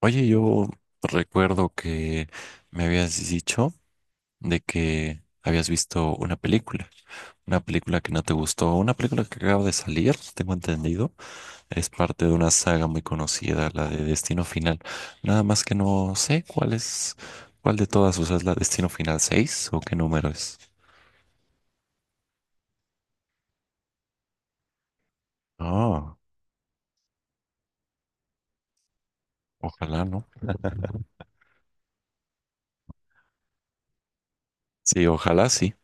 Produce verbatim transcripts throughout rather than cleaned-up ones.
Oye, yo recuerdo que me habías dicho de que habías visto una película, una película que no te gustó, una película que acaba de salir, tengo entendido, es parte de una saga muy conocida, la de Destino Final. Nada más que no sé cuál es, cuál de todas, o sea, es la Destino Final seis o qué número es. Ah, ojalá no. Sí, ojalá sí.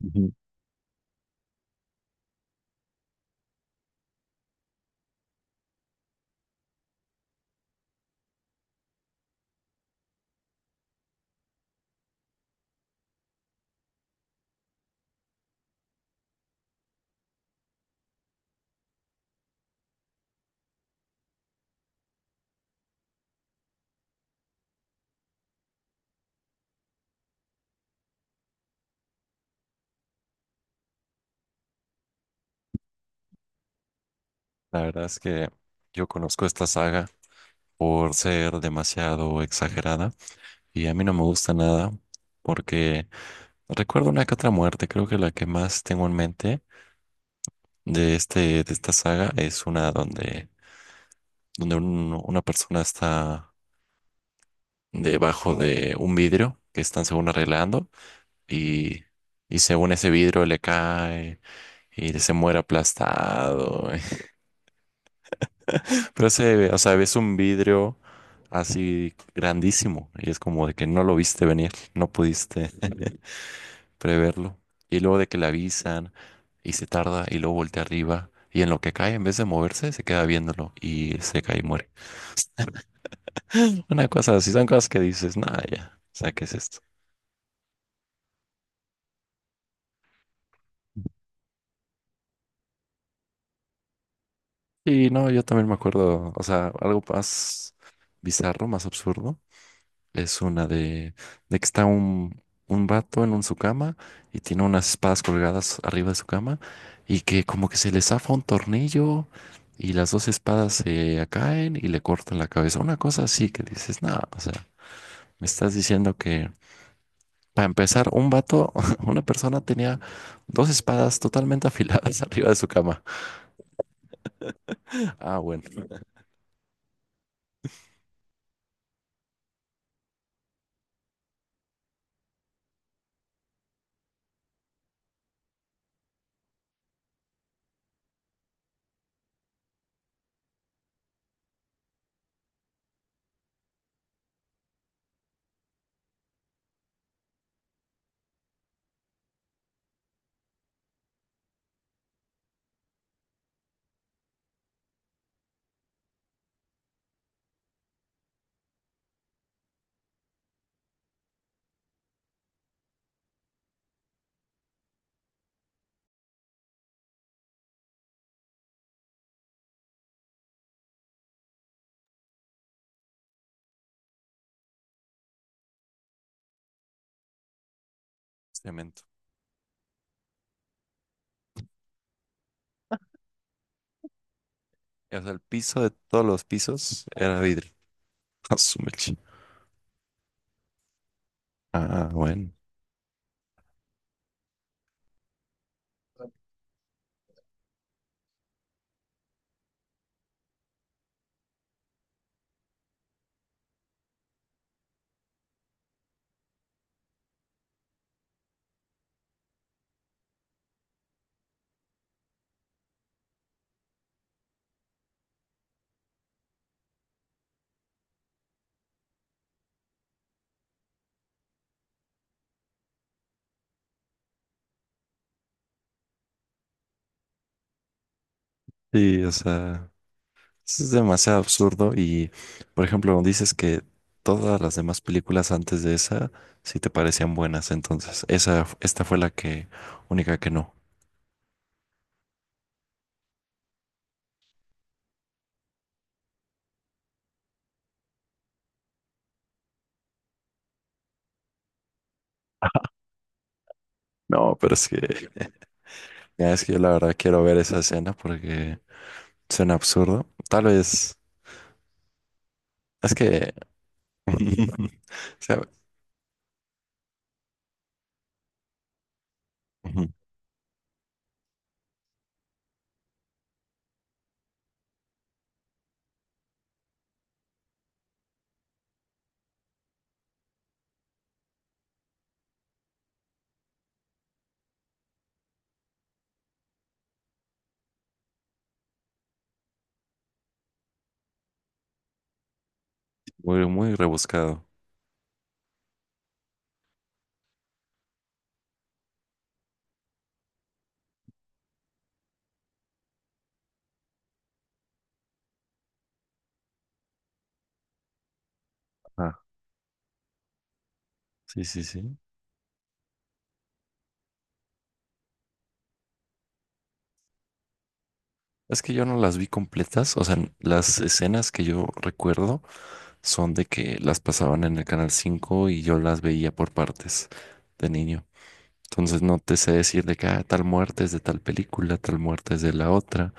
Ujú. La verdad es que yo conozco esta saga por ser demasiado exagerada y a mí no me gusta nada porque recuerdo una que otra muerte, creo que la que más tengo en mente de este de esta saga es una donde donde un- una persona está debajo de un vidrio que están según arreglando y y según ese vidrio le cae y se muere aplastado. Pero ese, o sea, ves un vidrio así grandísimo y es como de que no lo viste venir, no pudiste preverlo. Y luego de que le avisan y se tarda y luego voltea arriba y en lo que cae, en vez de moverse, se queda viéndolo y se cae y muere. Una cosa así, son cosas que dices, nada, ya, o sea, ¿qué es esto? Y no, yo también me acuerdo, o sea, algo más bizarro, más absurdo. Es una de, de que está un, un vato en un, su cama y tiene unas espadas colgadas arriba de su cama y que como que se le zafa un tornillo y las dos espadas se caen y le cortan la cabeza. Una cosa así que dices, no, o sea, me estás diciendo que para empezar, un vato, una persona tenía dos espadas totalmente afiladas arriba de su cama. Ah, bueno, cemento. O sea, el piso de todos los pisos era vidrio. Ah, su mecha. Ah, bueno. Sí, o sea. Es demasiado absurdo y, por ejemplo, dices que todas las demás películas antes de esa sí te parecían buenas, entonces esa, esta fue la que única que no. No, pero es que ya es que yo la verdad quiero ver esa escena porque suena absurdo. Tal vez es que o sea, ujú, muy, muy rebuscado. Ah, sí, sí, sí. Es que yo no las vi completas, o sea, las escenas que yo recuerdo son de que las pasaban en el Canal cinco y yo las veía por partes de niño. Entonces no te sé decir de que "Ah, tal muerte es de tal película, tal muerte es de la otra."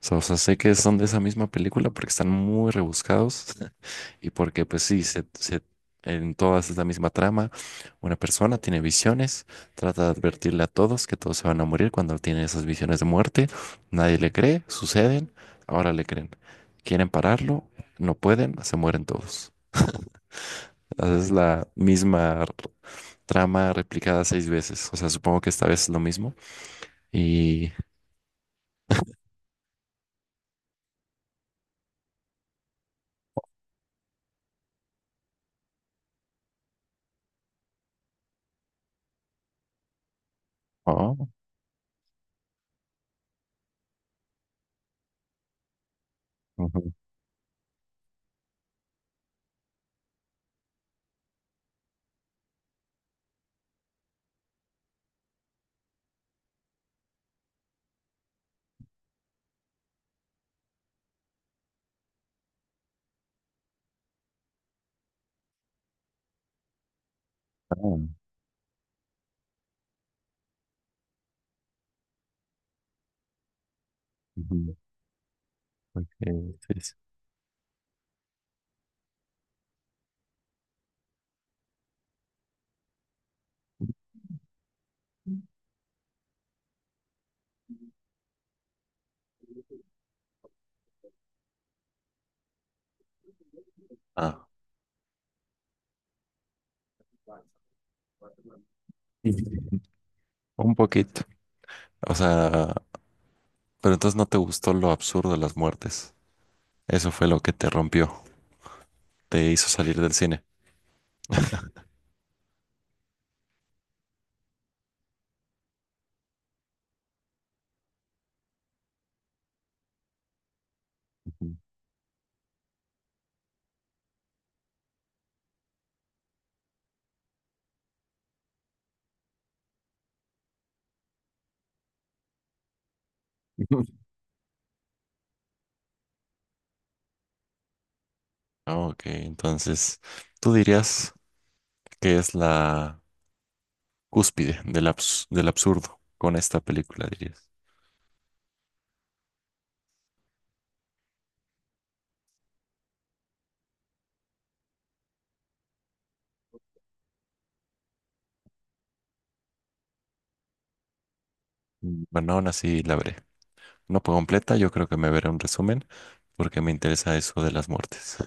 So, o sea, sé que son de esa misma película porque están muy rebuscados y porque pues sí, se, se- en todas es la misma trama. Una persona tiene visiones, trata de advertirle a todos que todos se van a morir cuando tiene esas visiones de muerte. Nadie le cree, suceden, ahora le creen. Quieren pararlo, no pueden, se mueren todos. Haces la misma r- trama replicada seis veces. O sea, supongo que esta vez es lo mismo. Y... Oh, ujú, ah, ujú, ok, sí, sí. Ah. Ujú. Un poquito. O sea, pero entonces no te gustó lo absurdo de las muertes. Eso fue lo que te rompió, te hizo salir del cine. Ujú. Ok, entonces, ¿tú dirías que es la cúspide del abs- del absurdo con esta película, dirías? Mm. Bueno, aún así la veré, no por completa, yo creo que me veré un resumen porque me interesa eso de las muertes.